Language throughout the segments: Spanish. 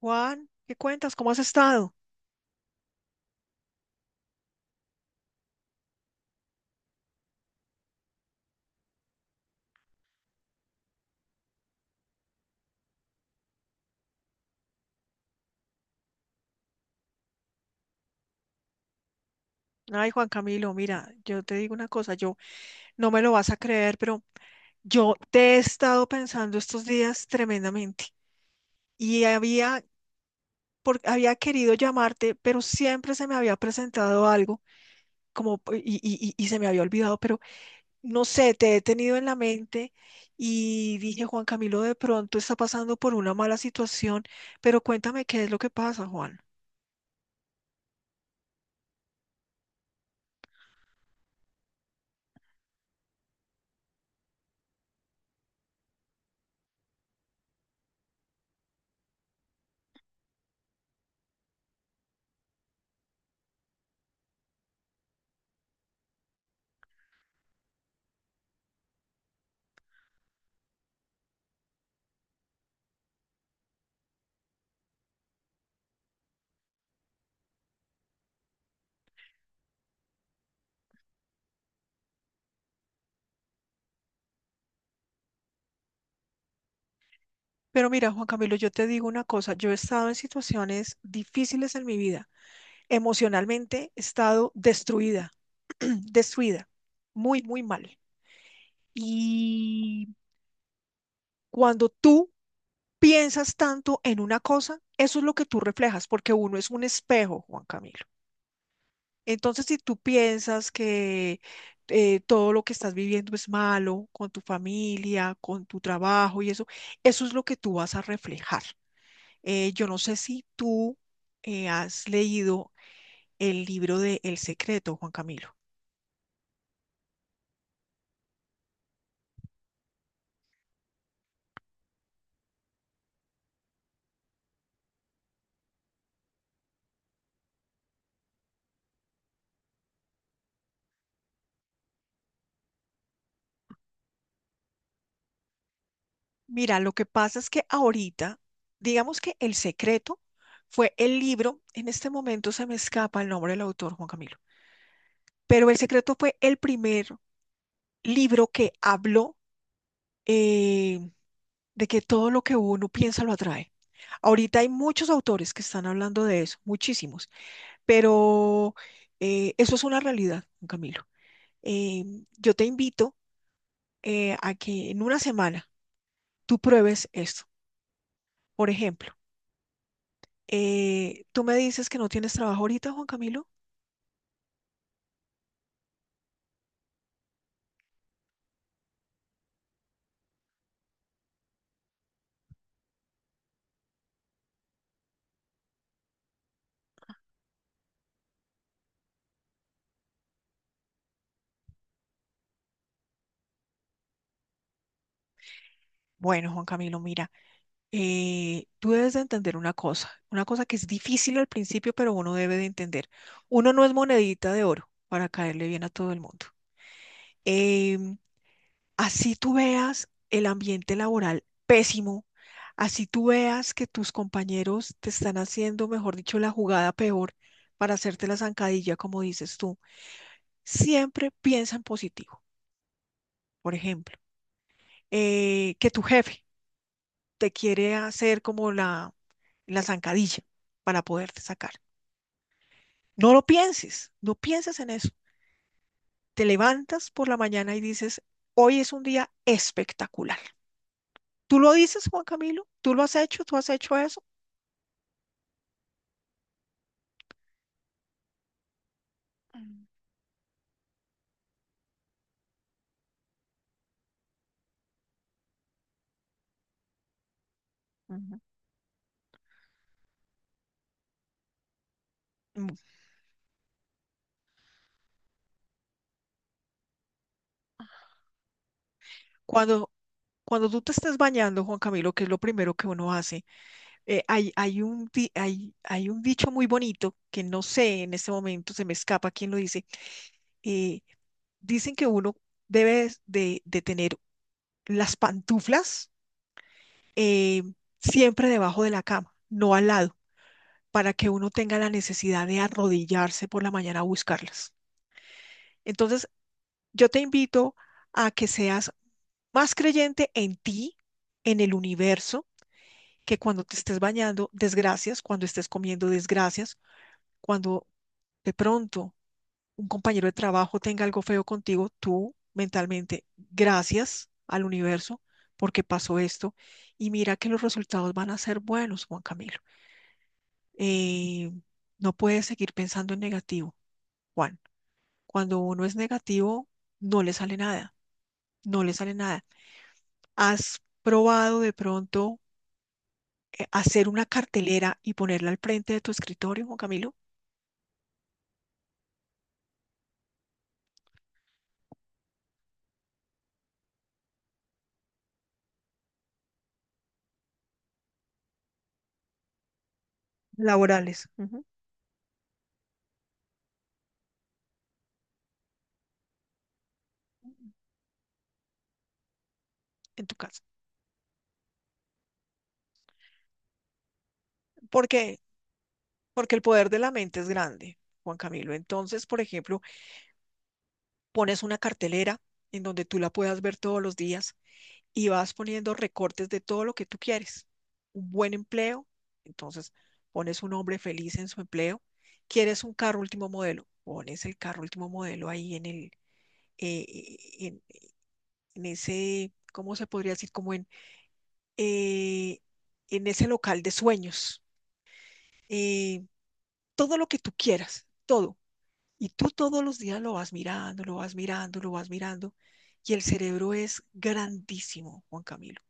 Juan, ¿qué cuentas? ¿Cómo has estado? Ay, Juan Camilo, mira, yo te digo una cosa, yo no me lo vas a creer, pero yo te he estado pensando estos días tremendamente y había, había querido llamarte, pero siempre se me había presentado algo como, y se me había olvidado, pero no sé, te he tenido en la mente y dije, Juan Camilo de pronto está pasando por una mala situación, pero cuéntame qué es lo que pasa, Juan. Pero mira, Juan Camilo, yo te digo una cosa, yo he estado en situaciones difíciles en mi vida. Emocionalmente he estado destruida, destruida, muy, muy mal. Y cuando tú piensas tanto en una cosa, eso es lo que tú reflejas, porque uno es un espejo, Juan Camilo. Entonces, si tú piensas que todo lo que estás viviendo es malo, con tu familia, con tu trabajo y eso es lo que tú vas a reflejar. Yo no sé si tú has leído el libro de El Secreto, Juan Camilo. Mira, lo que pasa es que ahorita, digamos que El Secreto fue el libro, en este momento se me escapa el nombre del autor, Juan Camilo, pero El Secreto fue el primer libro que habló. eh, de que todo lo que uno piensa lo atrae. Ahorita hay muchos autores que están hablando de eso, muchísimos, pero eso es una realidad, don Camilo. Eh, yo te invito a que en una semana tú pruebes esto. Por ejemplo, tú me dices que no tienes trabajo ahorita, Juan Camilo. Bueno, Juan Camilo, mira, tú debes de entender una cosa que es difícil al principio, pero uno debe de entender. Uno no es monedita de oro para caerle bien a todo el mundo. Em, Así tú veas el ambiente laboral pésimo, así tú veas que tus compañeros te están haciendo, mejor dicho, la jugada peor para hacerte la zancadilla, como dices tú. Siempre piensa en positivo. Por ejemplo, que tu jefe te quiere hacer como la zancadilla para poderte sacar. No lo pienses, no pienses en eso. Te levantas por la mañana y dices, hoy es un día espectacular. ¿Tú lo dices, Juan Camilo? ¿Tú lo has hecho? ¿Tú has hecho eso? Ujú. Mm, Cuando, cuando tú te estás bañando, Juan Camilo, que es lo primero que uno hace, hay, hay un dicho muy bonito que no sé en este momento, se me escapa quién lo dice. eh, Dicen que uno debe de tener las pantuflas eh, siempre debajo de la cama, no al lado, para que uno tenga la necesidad de arrodillarse por la mañana a buscarlas. Entonces, yo te invito a que seas más creyente en ti, en el universo que cuando te estés bañando, desgracias, cuando estés comiendo, desgracias, cuando de pronto un compañero de trabajo tenga algo feo contigo, tú mentalmente, gracias al universo porque pasó esto y mira que los resultados van a ser buenos, Juan Camilo. Eh, no puedes seguir pensando en negativo, Juan. Cuando uno es negativo, no le sale nada, no le sale nada. ¿Has probado de pronto hacer una cartelera y ponerla al frente de tu escritorio, Juan Camilo? Laborales, ujú, en tu casa. ¿Por qué? Porque el poder de la mente es grande, Juan Camilo. Entonces, por ejemplo, pones una cartelera en donde tú la puedas ver todos los días y vas poniendo recortes de todo lo que tú quieres. Un buen empleo, entonces pones un hombre feliz en su empleo. ¿Quieres un carro último modelo? Pones el carro último modelo ahí en el, eh, eh, en, en ese, ¿cómo se podría decir? Como eh, en ese local de sueños, eh, todo lo que tú quieras, todo. Y tú todos los días lo vas mirando, lo vas mirando, lo vas mirando. Y el cerebro es grandísimo, Juan Camilo.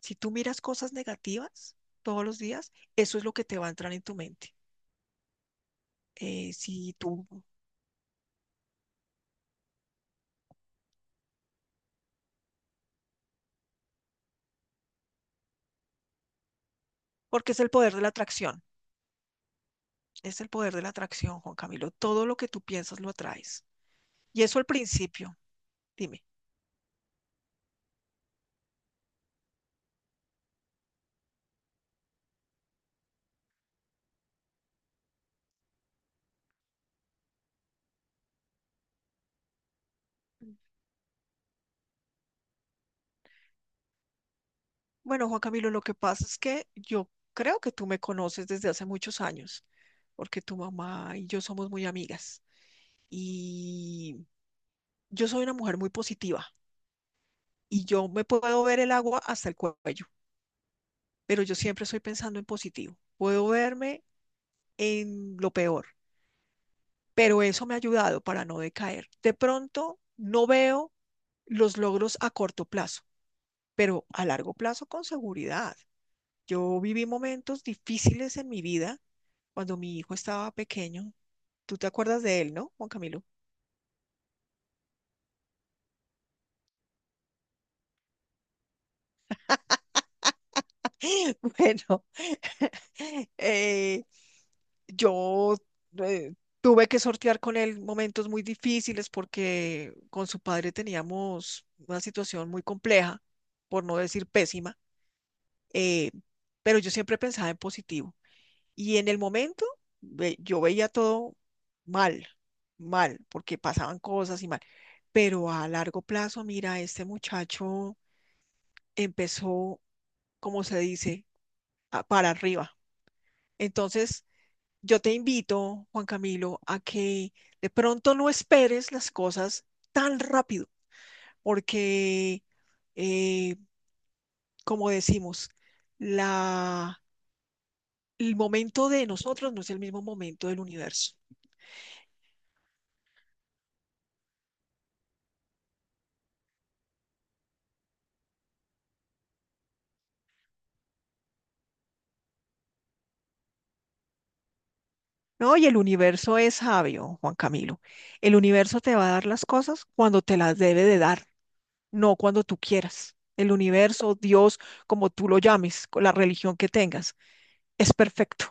Si tú miras cosas negativas todos los días, eso es lo que te va a entrar en tu mente. Si tú, porque es el poder de la atracción, es el poder de la atracción, Juan Camilo. Todo lo que tú piensas lo atraes. Y eso al principio, dime. Bueno, Juan Camilo, lo que pasa es que yo creo que tú me conoces desde hace muchos años, porque tu mamá y yo somos muy amigas. Y yo soy una mujer muy positiva y yo me puedo ver el agua hasta el cuello, pero yo siempre estoy pensando en positivo. Puedo verme en lo peor, pero eso me ha ayudado para no decaer. De pronto no veo los logros a corto plazo, pero a largo plazo con seguridad. Yo viví momentos difíciles en mi vida cuando mi hijo estaba pequeño. Tú te acuerdas de él, ¿no, Juan Camilo? Bueno, eh, yo eh, tuve que sortear con él momentos muy difíciles porque con su padre teníamos una situación muy compleja, por no decir pésima. eh, pero yo siempre pensaba en positivo. Y en el momento yo veía todo mal, mal, porque pasaban cosas y mal. Pero a largo plazo, mira, este muchacho empezó, como se dice, para arriba. Entonces, yo te invito, Juan Camilo, a que de pronto no esperes las cosas tan rápido, porque, eh, como decimos, la el momento de nosotros no es el mismo momento del universo. No, y el universo es sabio, Juan Camilo. El universo te va a dar las cosas cuando te las debe de dar, no cuando tú quieras. El universo, Dios, como tú lo llames, con la religión que tengas, es perfecto.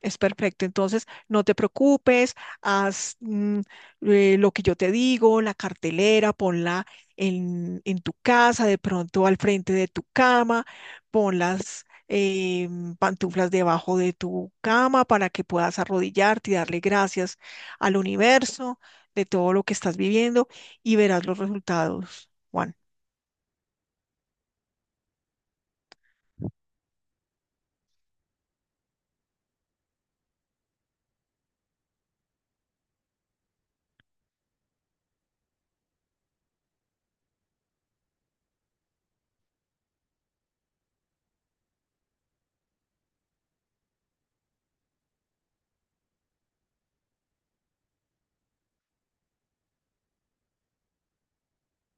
Es perfecto. Entonces, no te preocupes, haz lo que yo te digo, la cartelera, ponla en tu casa, de pronto al frente de tu cama, pon las pantuflas debajo de tu cama para que puedas arrodillarte y darle gracias al universo de todo lo que estás viviendo y verás los resultados, Juan.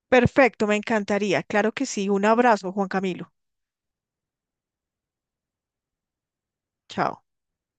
Perfecto, me encantaría. Claro que sí. Un abrazo, Juan Camilo. Chao.